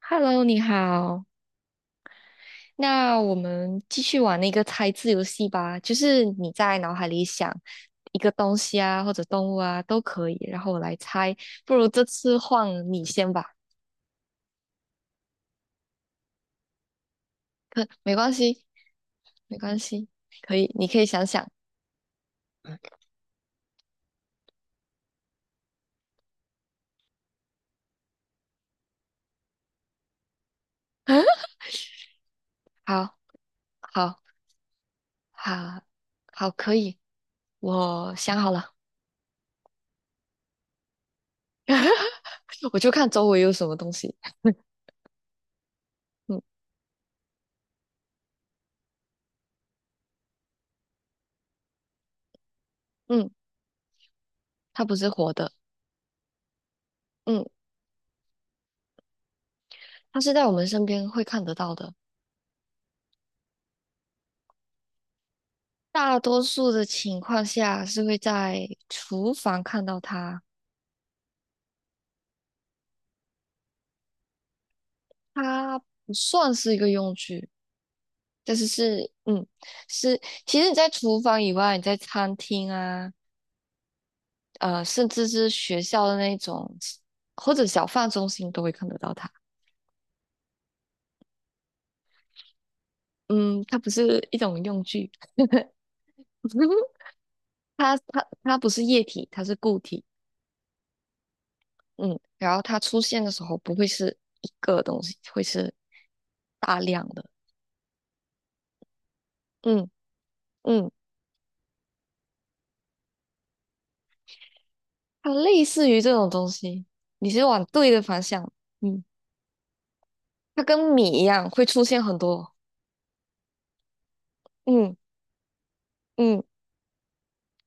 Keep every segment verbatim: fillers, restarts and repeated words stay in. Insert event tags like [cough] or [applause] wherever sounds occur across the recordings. Hello，你好。那我们继续玩那个猜字游戏吧，就是你在脑海里想一个东西啊，或者动物啊，都可以，然后我来猜。不如这次换你先吧，[laughs] 可没关系，没关系，可以，你可以想想。[laughs] 好，好，好，好，可以，我想好了，[laughs] 我就看周围有什么东西。嗯嗯，它不是活的，嗯，它是在我们身边会看得到的。大多数的情况下是会在厨房看到它，它不算是一个用具，但是是，嗯，是，其实你在厨房以外，你在餐厅啊，呃，甚至是学校的那种或者小贩中心都会看得到它。嗯，它不是一种用具，[laughs] 它它它不是液体，它是固体。嗯，然后它出现的时候不会是一个东西，会是大量的。嗯。嗯。它类似于这种东西，你是往对的方向，嗯，它跟米一样会出现很多，嗯嗯，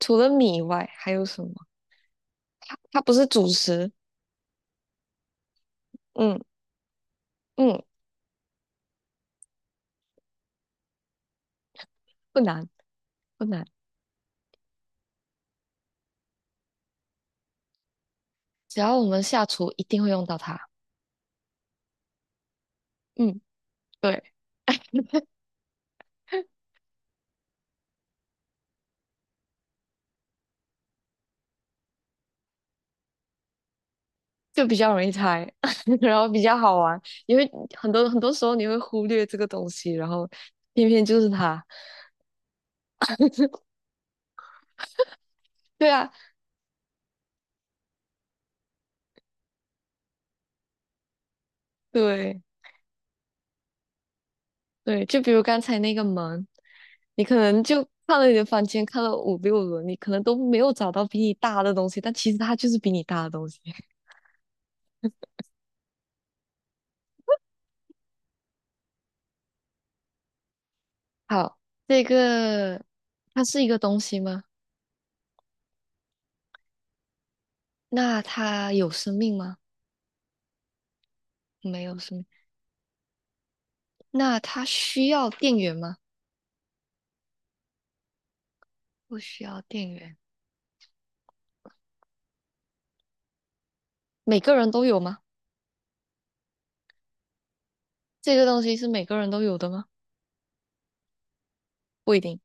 除了米以外还有什么？它它不是主食，嗯嗯，不难不难，只要我们下厨一定会用到它，嗯，对，就比较容易猜，[laughs] 然后比较好玩，因为很多很多时候你会忽略这个东西，然后偏偏就是它，对啊，对对，就比如刚才那个门。你可能就看了你的房间，看了五六轮，你可能都没有找到比你大的东西，但其实它就是比你大的东西。[laughs] 好，这个它是一个东西吗？那它有生命吗？没有生命。那它需要电源吗？不需要电源。每个人都有吗？这个东西是每个人都有的吗？不一定。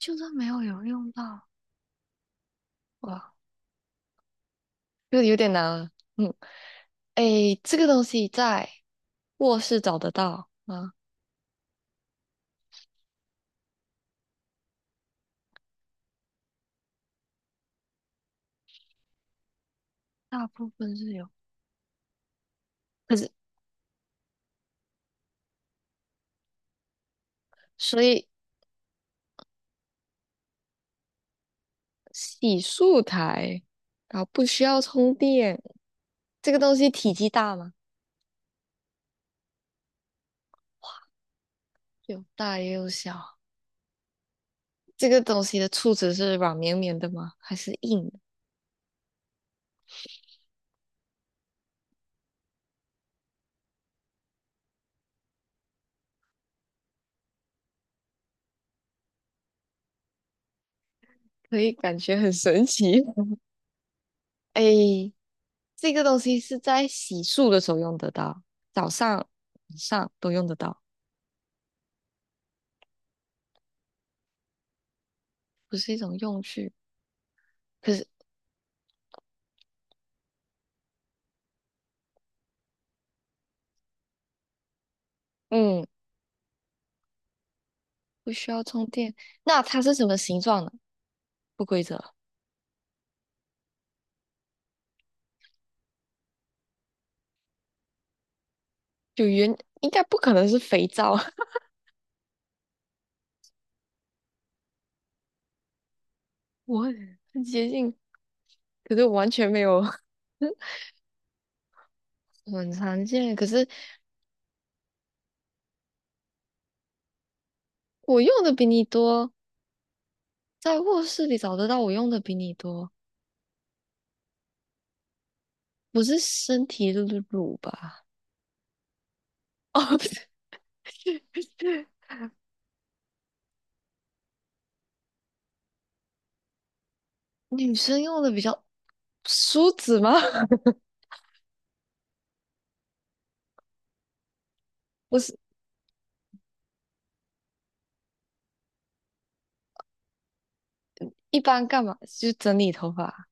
就算没有有用到，哇，有有点难了。嗯，诶，这个东西在卧室找得到吗？大部分是有。可是，所以洗漱台，然后不需要充电。这个东西体积大吗？有大也有小。这个东西的触觉是软绵绵的吗？还是硬的？可以感觉很神奇。[laughs] 哎，这个东西是在洗漱的时候用得到，早上、晚上都用得到，不是一种用具。可是，嗯，不需要充电。那它是什么形状呢？不规则，有圆，应该不可能是肥皂。[laughs] 我很接近，可是我完全没有。[laughs] 很常见，可是我用的比你多，在卧室里找得到我用的比你多，不是身体乳吧？[laughs] 哦，不是，女生用的比较梳子吗？[laughs] 不是，一般干嘛？就整理头发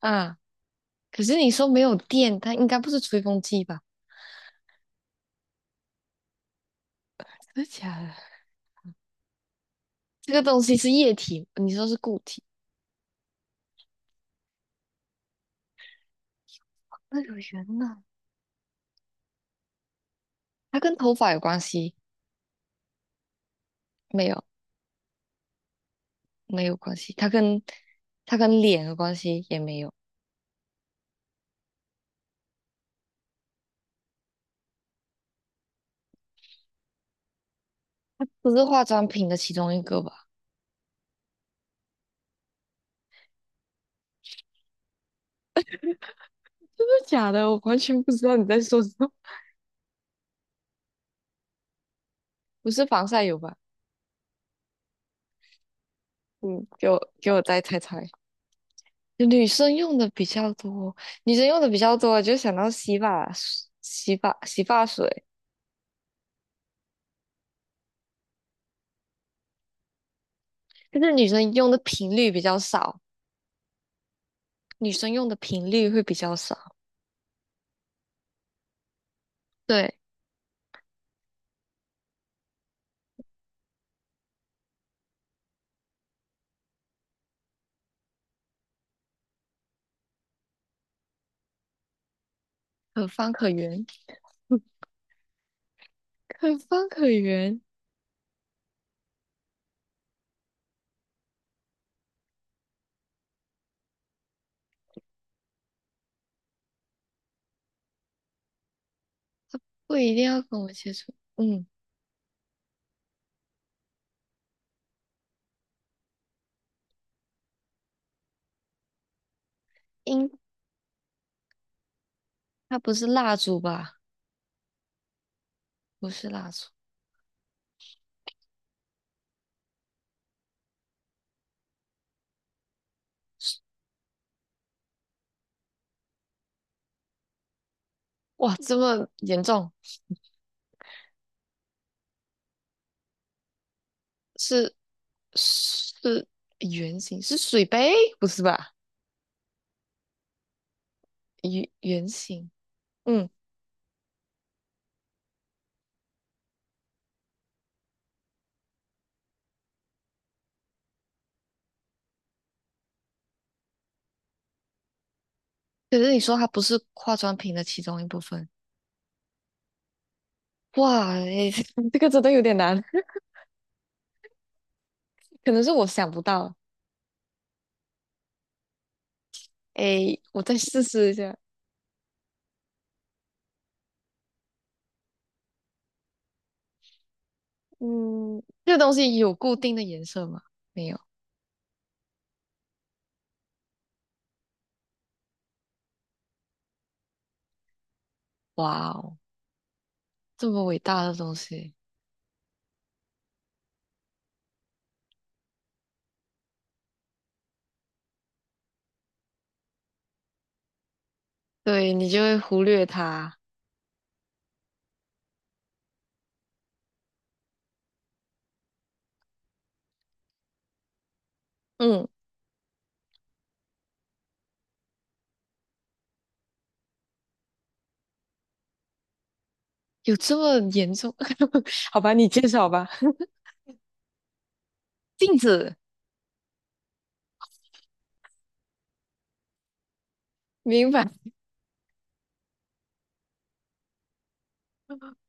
啊。可是你说没有电，它应该不是吹风机吧？真的假的？这个东西是液体，你说是固体？那有缘呢？它跟头发有关系？没有，没有关系。它跟它跟脸有关系也没有。不是化妆品的其中一个吧？真的假的？我完全不知道你在说什么。[laughs] 不是防晒油吧？嗯，给我给我再猜猜，女生用的比较多，女生用的比较多，就想到洗发水洗发洗发水，但是女生用的频率比较少，女生用的频率会比较少。对，可方可圆，可方可圆，不一定要跟我接触。嗯，应它不是蜡烛吧？不是蜡烛，哇，这么严重，是？是圆形，是水杯，不是吧？圆圆形，嗯。可是你说它不是化妆品的其中一部分，哇，诶 [laughs] 这个真的有点难，[laughs] 可能是我想不到。诶，我再试试一下。嗯，这个东西有固定的颜色吗？没有。哇哦，这么伟大的东西，对你就会忽略它。嗯，有这么严重？[laughs] 好吧，你介绍吧。[laughs] 镜子，明白，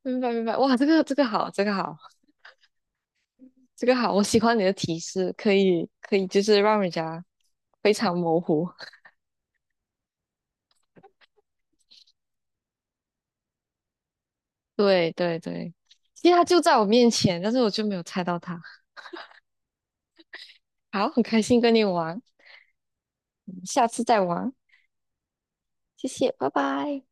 明白，明白。哇，这个这个好，这个好。这个好，我喜欢你的提示，可以可以，就是让人家非常模糊。[laughs] 对对对，其实他就在我面前，但是我就没有猜到他。好，很开心跟你玩，下次再玩，谢谢，拜拜。